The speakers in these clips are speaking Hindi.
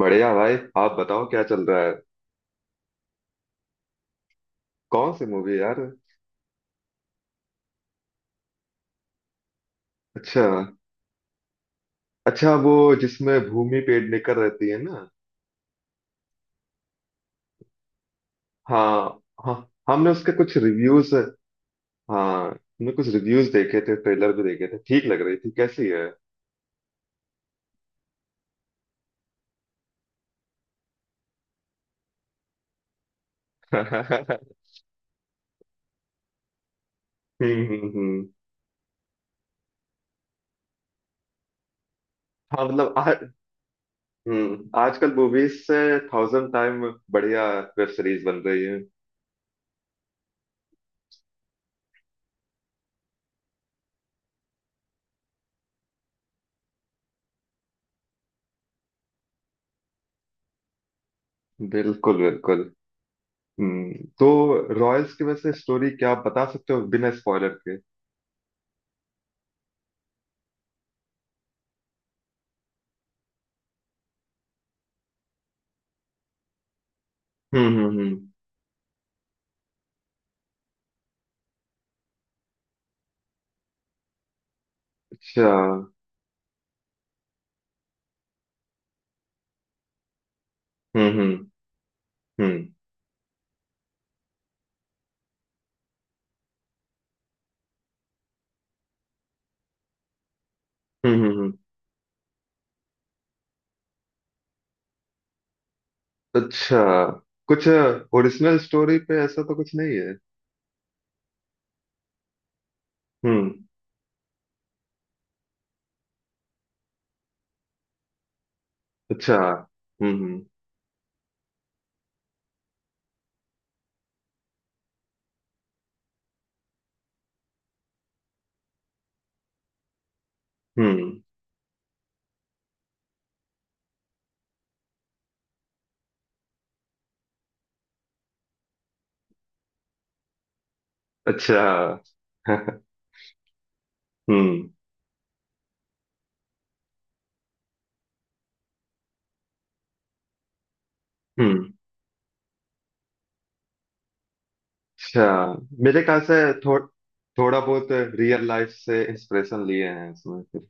बढ़िया भाई। आप बताओ क्या चल रहा है? कौन सी मूवी यार? अच्छा। अच्छा, वो जिसमें भूमि पेडनेकर रहती है ना? हाँ हाँ, हमने उसके कुछ रिव्यूज। हाँ हमने कुछ रिव्यूज देखे थे, ट्रेलर भी देखे थे, ठीक लग रही थी, कैसी है? हम्म हम्म। हाँ मतलब हम्म, आजकल मूवीज से थाउजेंड टाइम बढ़िया वेब सीरीज बन रही है। बिल्कुल बिल्कुल। हम्म। तो रॉयल्स की वैसे स्टोरी क्या आप बता सकते हो बिना स्पॉइलर के? हम्म हम्म हम्म। अच्छा। हम्म हम्म हम्म हम्म हम्म, अच्छा। कुछ ओरिजिनल स्टोरी पे ऐसा तो कुछ नहीं है? हम्म। अच्छा। हम्म हम्म हम्म, अच्छा। हम्म हम्म। अच्छा। मेरे ख्याल से थो, थोड़ा बहुत रियल लाइफ से इंस्पिरेशन लिए हैं इसमें फिर।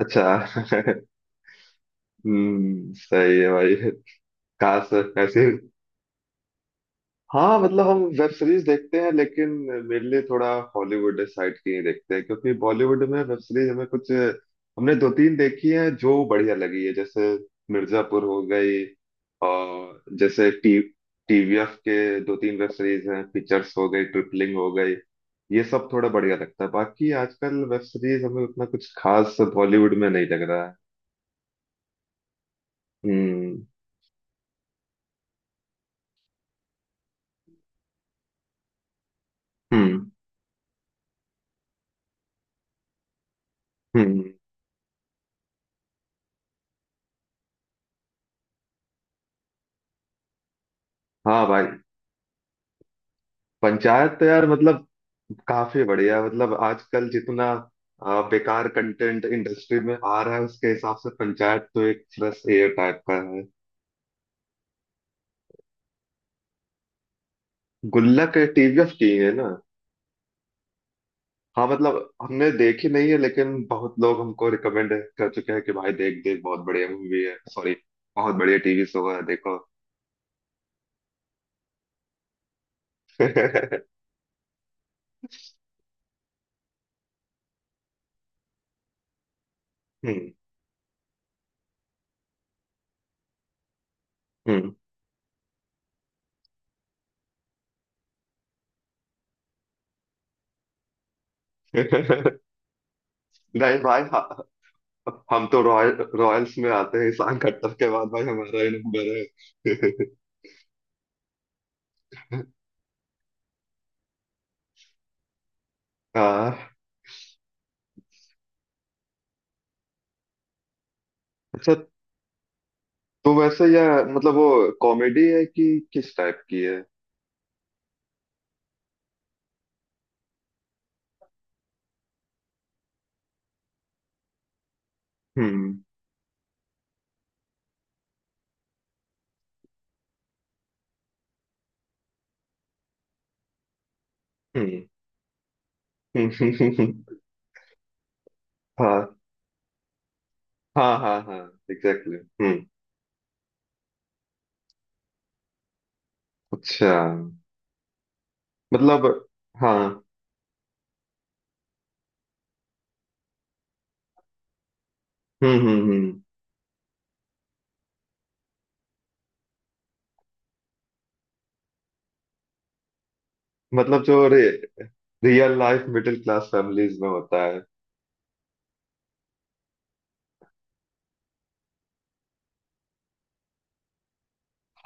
अच्छा। हम्म। सही है भाई। काश। ऐसे हाँ मतलब हम वेब सीरीज देखते हैं लेकिन मेरे लिए थोड़ा हॉलीवुड साइड की ही देखते हैं, क्योंकि बॉलीवुड में वेब सीरीज हमें कुछ, हमने दो तीन देखी है जो बढ़िया लगी है, जैसे मिर्जापुर हो गई, और जैसे टी टीवीएफ के दो तीन वेब सीरीज हैं, पिक्चर्स हो गई, ट्रिपलिंग हो गई। ये सब थोड़ा बढ़िया लगता है, बाकी आजकल वेब सीरीज हमें उतना कुछ खास बॉलीवुड में नहीं लग रहा है। हम्म हम्म हम्म। हाँ भाई। पंचायत तो यार मतलब काफी बढ़िया, मतलब आजकल जितना बेकार कंटेंट इंडस्ट्री में आ रहा है उसके हिसाब से पंचायत तो एक फ्रेश एयर टाइप का है। गुल्लक टीवीएफ की है ना? हाँ मतलब हमने देखी नहीं है लेकिन बहुत लोग हमको रिकमेंड कर चुके हैं कि भाई देख देख, बहुत बढ़िया मूवी है, सॉरी, बहुत बढ़िया टीवी शो है, देखो। हम्म हम्म। नहीं भाई हम तो रॉयल्स में आते हैं, ईशान खट्टर के बाद भाई हमारा ही नंबर है। हाँ। अच्छा तो वैसे यह मतलब वो कॉमेडी है कि किस टाइप की है? हम्म हम्म। हाँ हाँ हाँ हाँ, एग्जैक्टली। हम्म। अच्छा। मतलब हाँ। हम्म। मतलब जो real life middle class families में होता है।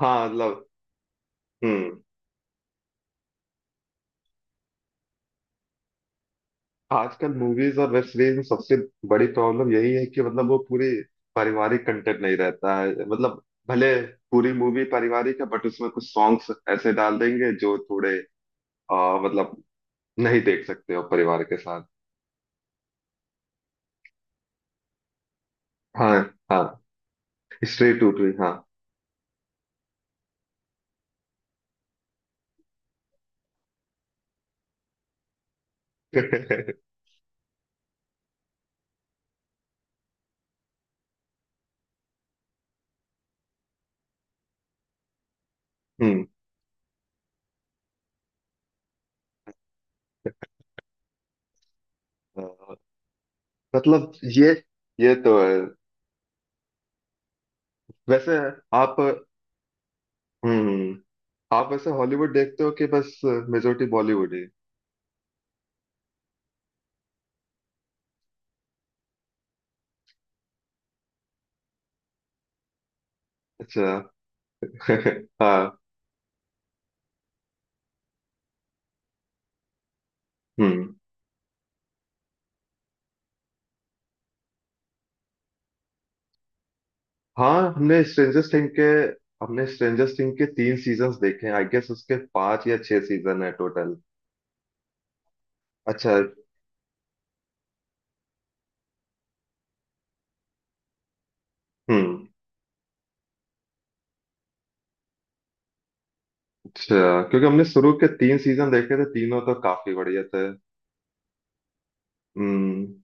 हाँ मतलब। हम्म। आजकल मूवीज और वेब सीरीज में सबसे बड़ी प्रॉब्लम यही है कि मतलब वो पूरी, पारिवारिक कंटेंट नहीं रहता है, मतलब भले पूरी मूवी पारिवारिक है बट उसमें कुछ सॉन्ग्स ऐसे डाल देंगे जो थोड़े मतलब नहीं देख सकते हो परिवार के साथ। हाँ हाँ, स्ट्रे टू ट्री हाँ। हम्म। अ, मतलब ये ये तो है। वैसे आप। हम्म। आप वैसे हॉलीवुड देखते हो कि बस मेजोरिटी बॉलीवुड ही? अच्छा। हाँ। हम्म। हाँ हमने स्ट्रेंजर थिंग के, तीन सीजन्स देखे हैं, आई गेस उसके पांच या छह सीजन है टोटल। अच्छा। हम्म। अच्छा, क्योंकि हमने शुरू के तीन सीजन देखे थे, तीनों तो काफी बढ़िया थे। हम्म।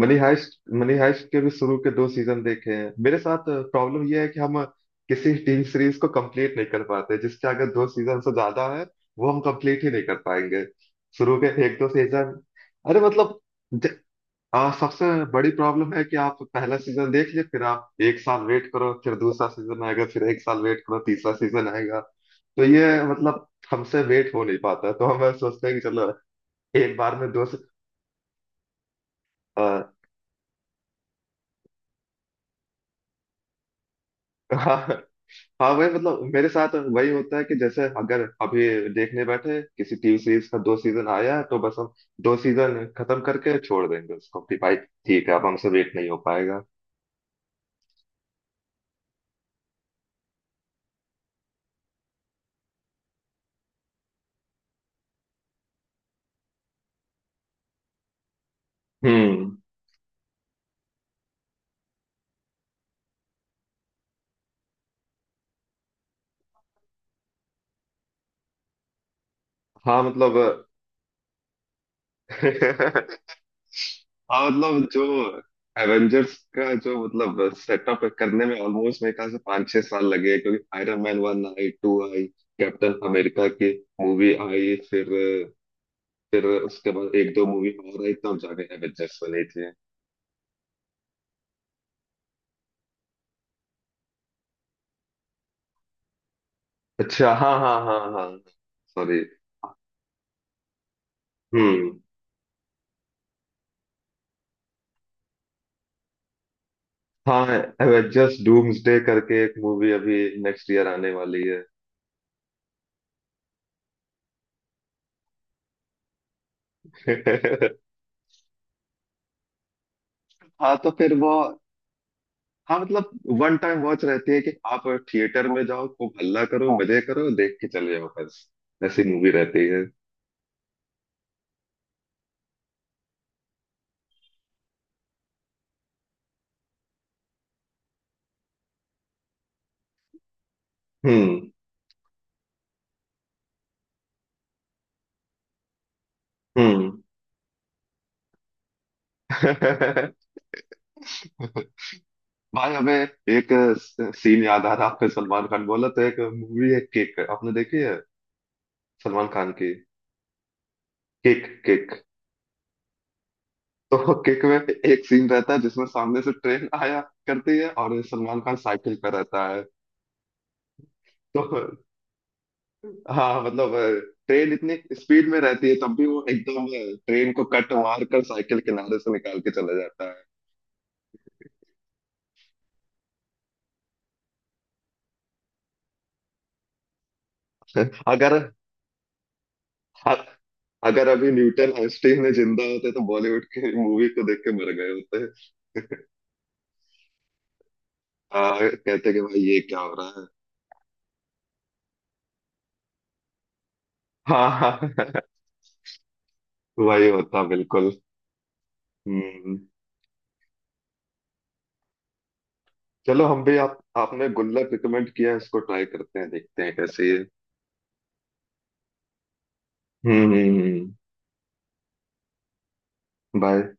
मनी हाइस्ट, मनी हाइस्ट के भी शुरू के दो सीजन देखे हैं। मेरे साथ प्रॉब्लम यह है कि हम किसी टीवी सीरीज को कंप्लीट नहीं कर पाते, जिसके अगर दो सीजन से ज्यादा है वो हम कंप्लीट ही नहीं कर पाएंगे, शुरू के एक दो सीजन। अरे मतलब ज- सबसे बड़ी प्रॉब्लम है कि आप पहला सीजन देख लिए, फिर आप एक साल वेट करो, फिर दूसरा सीजन आएगा, फिर एक साल वेट करो, तीसरा सीजन आएगा। तो ये मतलब हमसे वेट हो नहीं पाता, तो हम सोचते हैं कि चलो एक बार में आ, हाँ वही मतलब मेरे साथ वही होता है कि जैसे अगर अभी देखने बैठे किसी टीवी सीरीज का दो सीजन आया है, तो बस हम दो सीजन खत्म करके छोड़ देंगे उसको, कि भाई ठीक है, अब हमसे वेट नहीं हो पाएगा। हम्म। हाँ मतलब। हाँ मतलब जो एवेंजर्स का जो मतलब सेटअप करने में ऑलमोस्ट मेरे ख्याल से 5-6 साल लगे, क्योंकि आयरन मैन वन आई, टू आई, कैप्टन अमेरिका की मूवी आई, फिर उसके बाद एक दो मूवी और आई तब जाके एवेंजर्स बनी थी। अच्छा हाँ हाँ हाँ हाँ, सॉरी। हम्म। हाँ एवेंजर्स डूम्सडे करके एक मूवी अभी नेक्स्ट ईयर आने वाली है। हाँ तो फिर वो, हाँ मतलब वन टाइम वॉच रहती है कि आप थिएटर में जाओ, खूब हल्ला करो, मजे करो, देख के चले जाओ बस, ऐसी मूवी रहती है। हम्म हम्म। भाई हमें एक सीन याद आ रहा, आपने सलमान खान बोला तो। एक मूवी है केक, आपने देखी है सलमान खान की केक? केक, तो किक में एक सीन रहता है जिसमें सामने से ट्रेन आया करती है और सलमान खान साइकिल पर रहता है, तो हाँ मतलब ट्रेन इतनी स्पीड में रहती है तब भी वो एकदम ट्रेन को कट मार कर साइकिल किनारे से निकाल के चला जाता है। अगर अ- अगर अभी न्यूटन आइंस्टीन ने जिंदा होते तो बॉलीवुड की मूवी को देख के मर गए होते, कहते कि भाई ये क्या हो रहा है। हाँ हाँ। वही होता बिल्कुल। हम्म। चलो हम भी, आप आपने गुल्लक रिकमेंड किया है, इसको ट्राई करते हैं देखते हैं कैसे। हम्म हम्म, हम्म। भाई।